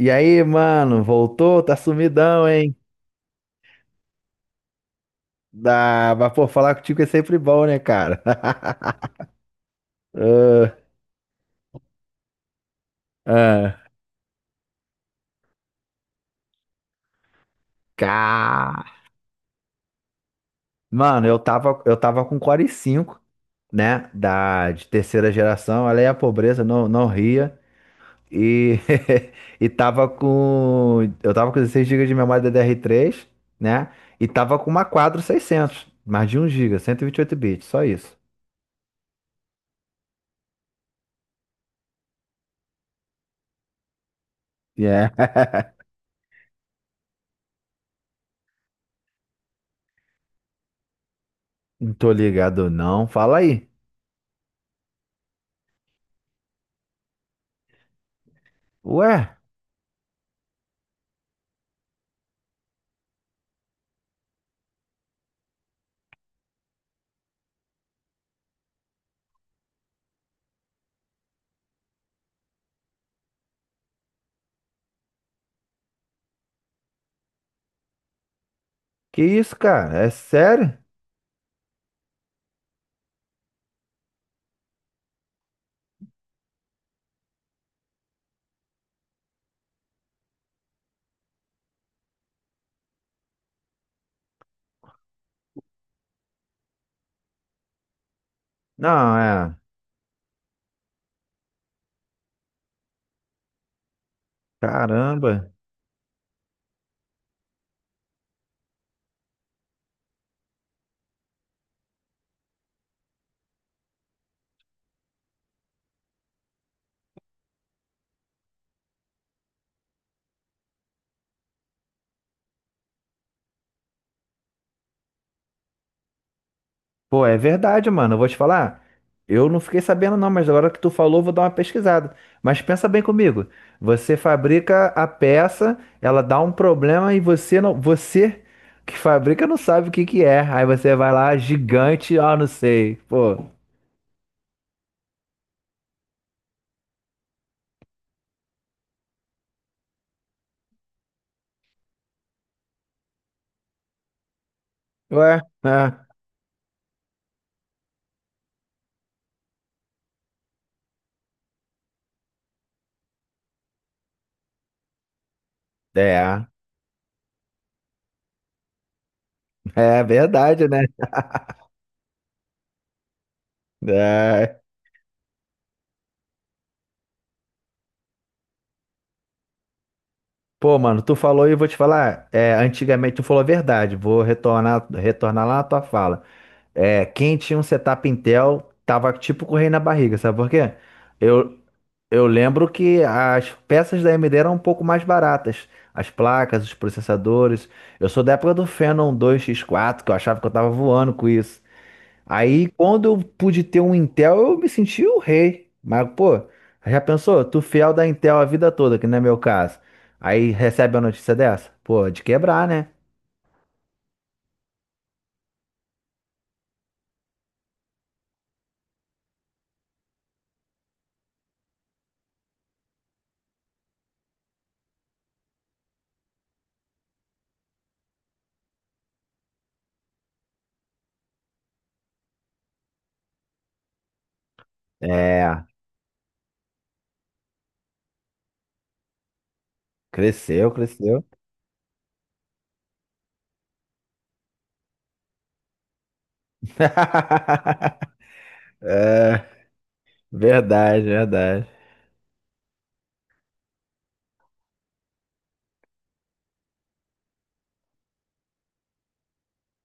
E aí, mano, voltou? Tá sumidão, hein? Dá, mas pô, falar contigo é sempre bom, né, cara? Ah, ah. Cá. Mano, eu tava com Core i5, né? De terceira geração. Olha aí a pobreza, não, não ria. E, e tava com. Eu tava com 16 gigas de memória DDR3, né? E tava com uma Quadro 600, mais de um giga, 128 bits, só isso. Yeah. Não tô ligado, não. Fala aí. Ué? Que isso, cara? É sério? Não, é. Caramba. Pô, é verdade, mano. Eu vou te falar. Eu não fiquei sabendo, não, mas agora que tu falou, eu vou dar uma pesquisada. Mas pensa bem comigo. Você fabrica a peça, ela dá um problema e você não. Você que fabrica não sabe o que que é. Aí você vai lá, gigante, ó, não sei. Pô. Ué? É. É. É verdade, né? É. Pô, mano, tu falou e eu vou te falar. É, antigamente tu falou a verdade. Vou retornar, retornar lá na tua fala. É, quem tinha um setup Intel tava tipo com o rei na barriga, sabe por quê? Eu, eu lembro que as peças da AMD eram um pouco mais baratas. As placas, os processadores. Eu sou da época do Phenom dois x quatro, que eu achava que eu tava voando com isso. Aí, quando eu pude ter um Intel, eu me senti o rei. Mas, pô, já pensou? Tu fiel da Intel a vida toda, que não é meu caso. Aí recebe a notícia dessa? Pô, de quebrar, né? É, cresceu, cresceu. É, verdade, verdade.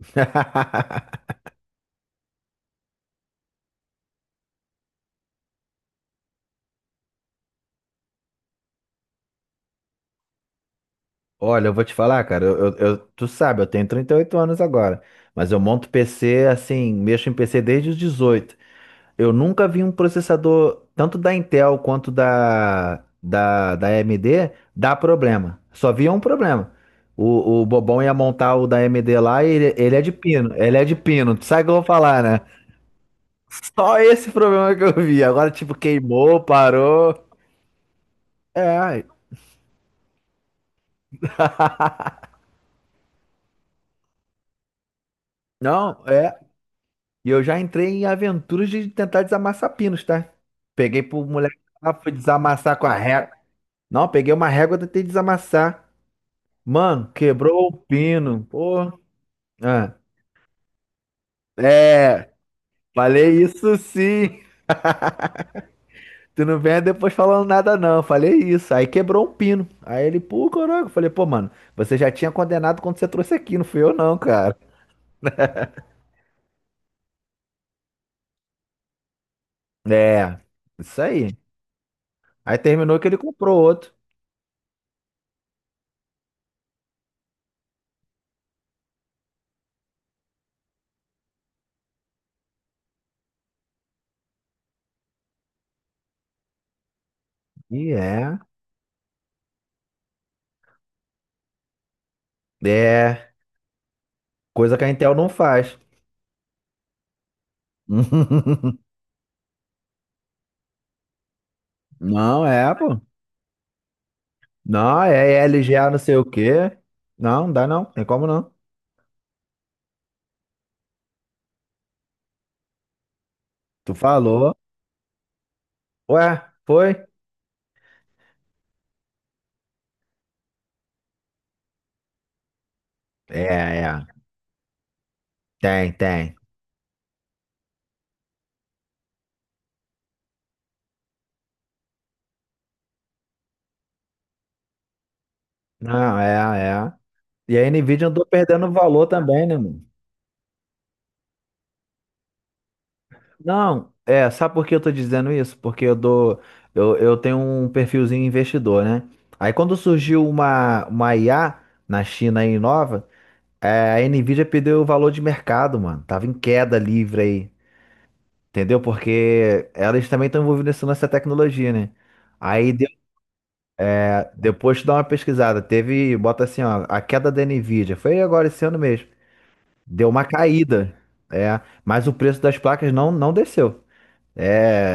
Olha, eu vou te falar, cara, tu sabe, eu tenho 38 anos agora, mas eu monto PC assim, mexo em PC desde os 18. Eu nunca vi um processador, tanto da Intel quanto da AMD, dar problema. Só via um problema. O Bobão ia montar o da AMD lá e ele é de pino. Ele é de pino. Tu sabe o que eu vou falar, né? Só esse problema que eu vi. Agora, tipo, queimou, parou. É. Não, é. E eu já entrei em aventuras de tentar desamassar pinos, tá? Peguei pro moleque lá, fui desamassar com a régua. Não, peguei uma régua e tentei desamassar. Mano, quebrou o pino. Pô. Ah, é, falei isso sim. Tu não venha depois falando nada, não. Falei isso. Aí quebrou um pino. Aí ele, pô, caraca. Eu falei, pô, mano, você já tinha condenado quando você trouxe aqui, não fui eu, não, cara. É, isso aí. Aí terminou que ele comprou outro. E é, é, coisa que a Intel não faz. Não, é, pô. Não, é LGA não sei o quê. Não, não dá não. Tem como não. Tu falou. Ué, foi? É, é. Tem, tem. Não, é, é. E a Nvidia andou perdendo valor também, né, mano? Não, é, sabe por que eu tô dizendo isso? Porque eu tenho um perfilzinho investidor, né? Aí quando surgiu uma IA na China aí nova, é, a Nvidia perdeu o valor de mercado, mano. Tava em queda livre aí, entendeu? Porque elas também estão envolvidas nessa tecnologia, né? Aí deu, é, depois tu dá uma pesquisada, teve, bota assim, ó, a queda da Nvidia, foi agora esse ano mesmo. Deu uma caída. É, mas o preço das placas não, não desceu. É,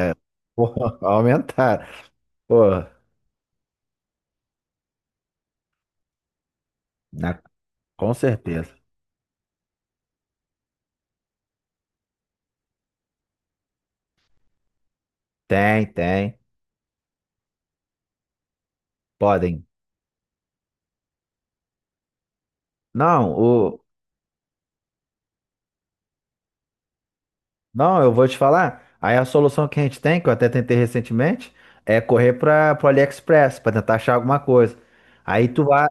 pô, aumentaram. Pô, na- com certeza. Tem, tem. Podem. Não, não, eu vou te falar. Aí a solução que a gente tem, que eu até tentei recentemente, é correr para o AliExpress para tentar achar alguma coisa. Aí tu vai.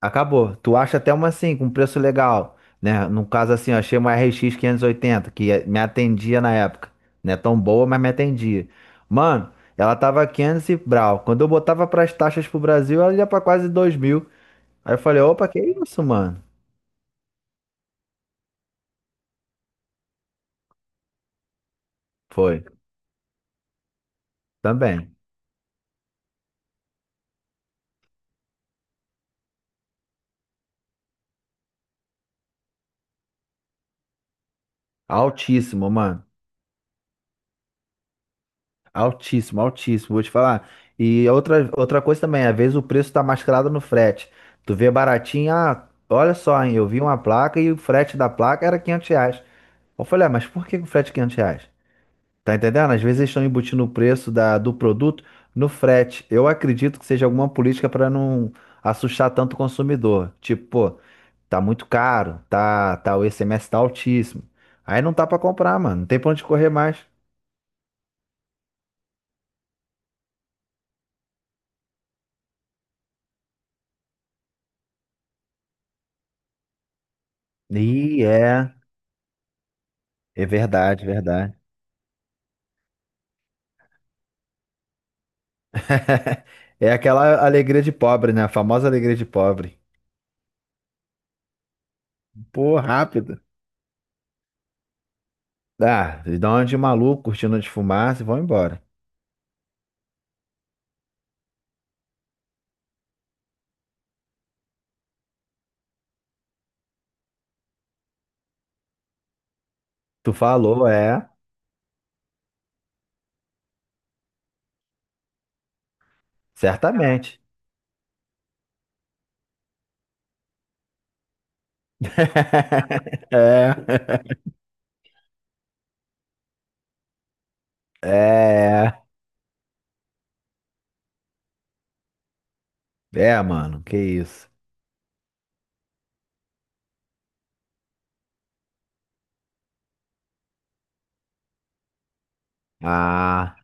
Acabou. Tu acha até uma assim, com preço legal, né? No caso assim, eu achei uma RX oitenta que me atendia na época. Não é tão boa, mas me atendia. Mano, ela tava 500 e brau. Quando eu botava pras taxas pro Brasil, ela ia pra quase 2.000. Aí eu falei, opa, que isso, mano? Foi, também. Altíssimo, mano. Altíssimo, altíssimo, vou te falar. E outra coisa também, às vezes o preço tá mascarado no frete. Tu vê baratinho, ah, olha só, hein, eu vi uma placa e o frete da placa era R$ 500. Eu falei, ah, mas por que o frete é R$ 500? Tá entendendo? Às vezes eles estão embutindo o preço do produto no frete. Eu acredito que seja alguma política para não assustar tanto o consumidor. Tipo, pô, tá muito caro, tá, tá, o ICMS tá altíssimo. Aí não tá para comprar, mano, não tem pra onde correr mais. E é. É verdade, verdade. É aquela alegria de pobre, né? A famosa alegria de pobre. Pô, rápido. Ah, eles dão uma de maluco, cortina de fumaça e vão embora. Tu falou, é, certamente. É, é, é, é, mano, que isso. Ah,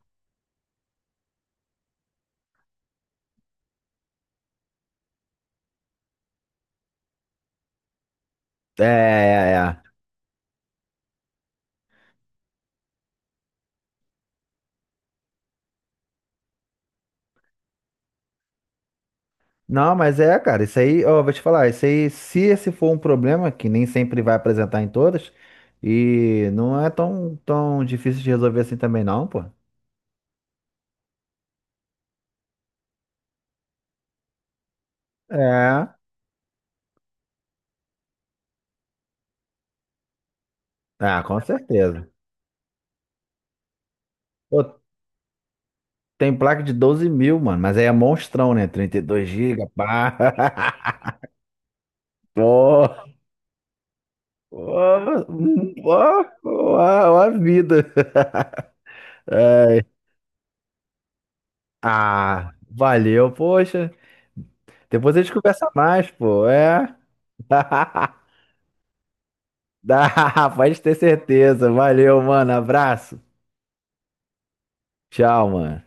é, é, é. Não, mas é, cara, isso aí, ó, vou te falar, isso aí, se esse for um problema, que nem sempre vai apresentar em todas, e não é tão, tão difícil de resolver assim também, não, pô. É. Ah, com certeza. Pô, tem placa de 12.000, mano, mas aí é monstrão, né? 32 GB, pá. Pô, pô, pô, pô, a vida. Ai. Ah, valeu, poxa. Depois a gente conversa mais, pô, é. Dá, pode ter certeza. Valeu, mano. Abraço. Tchau, mano.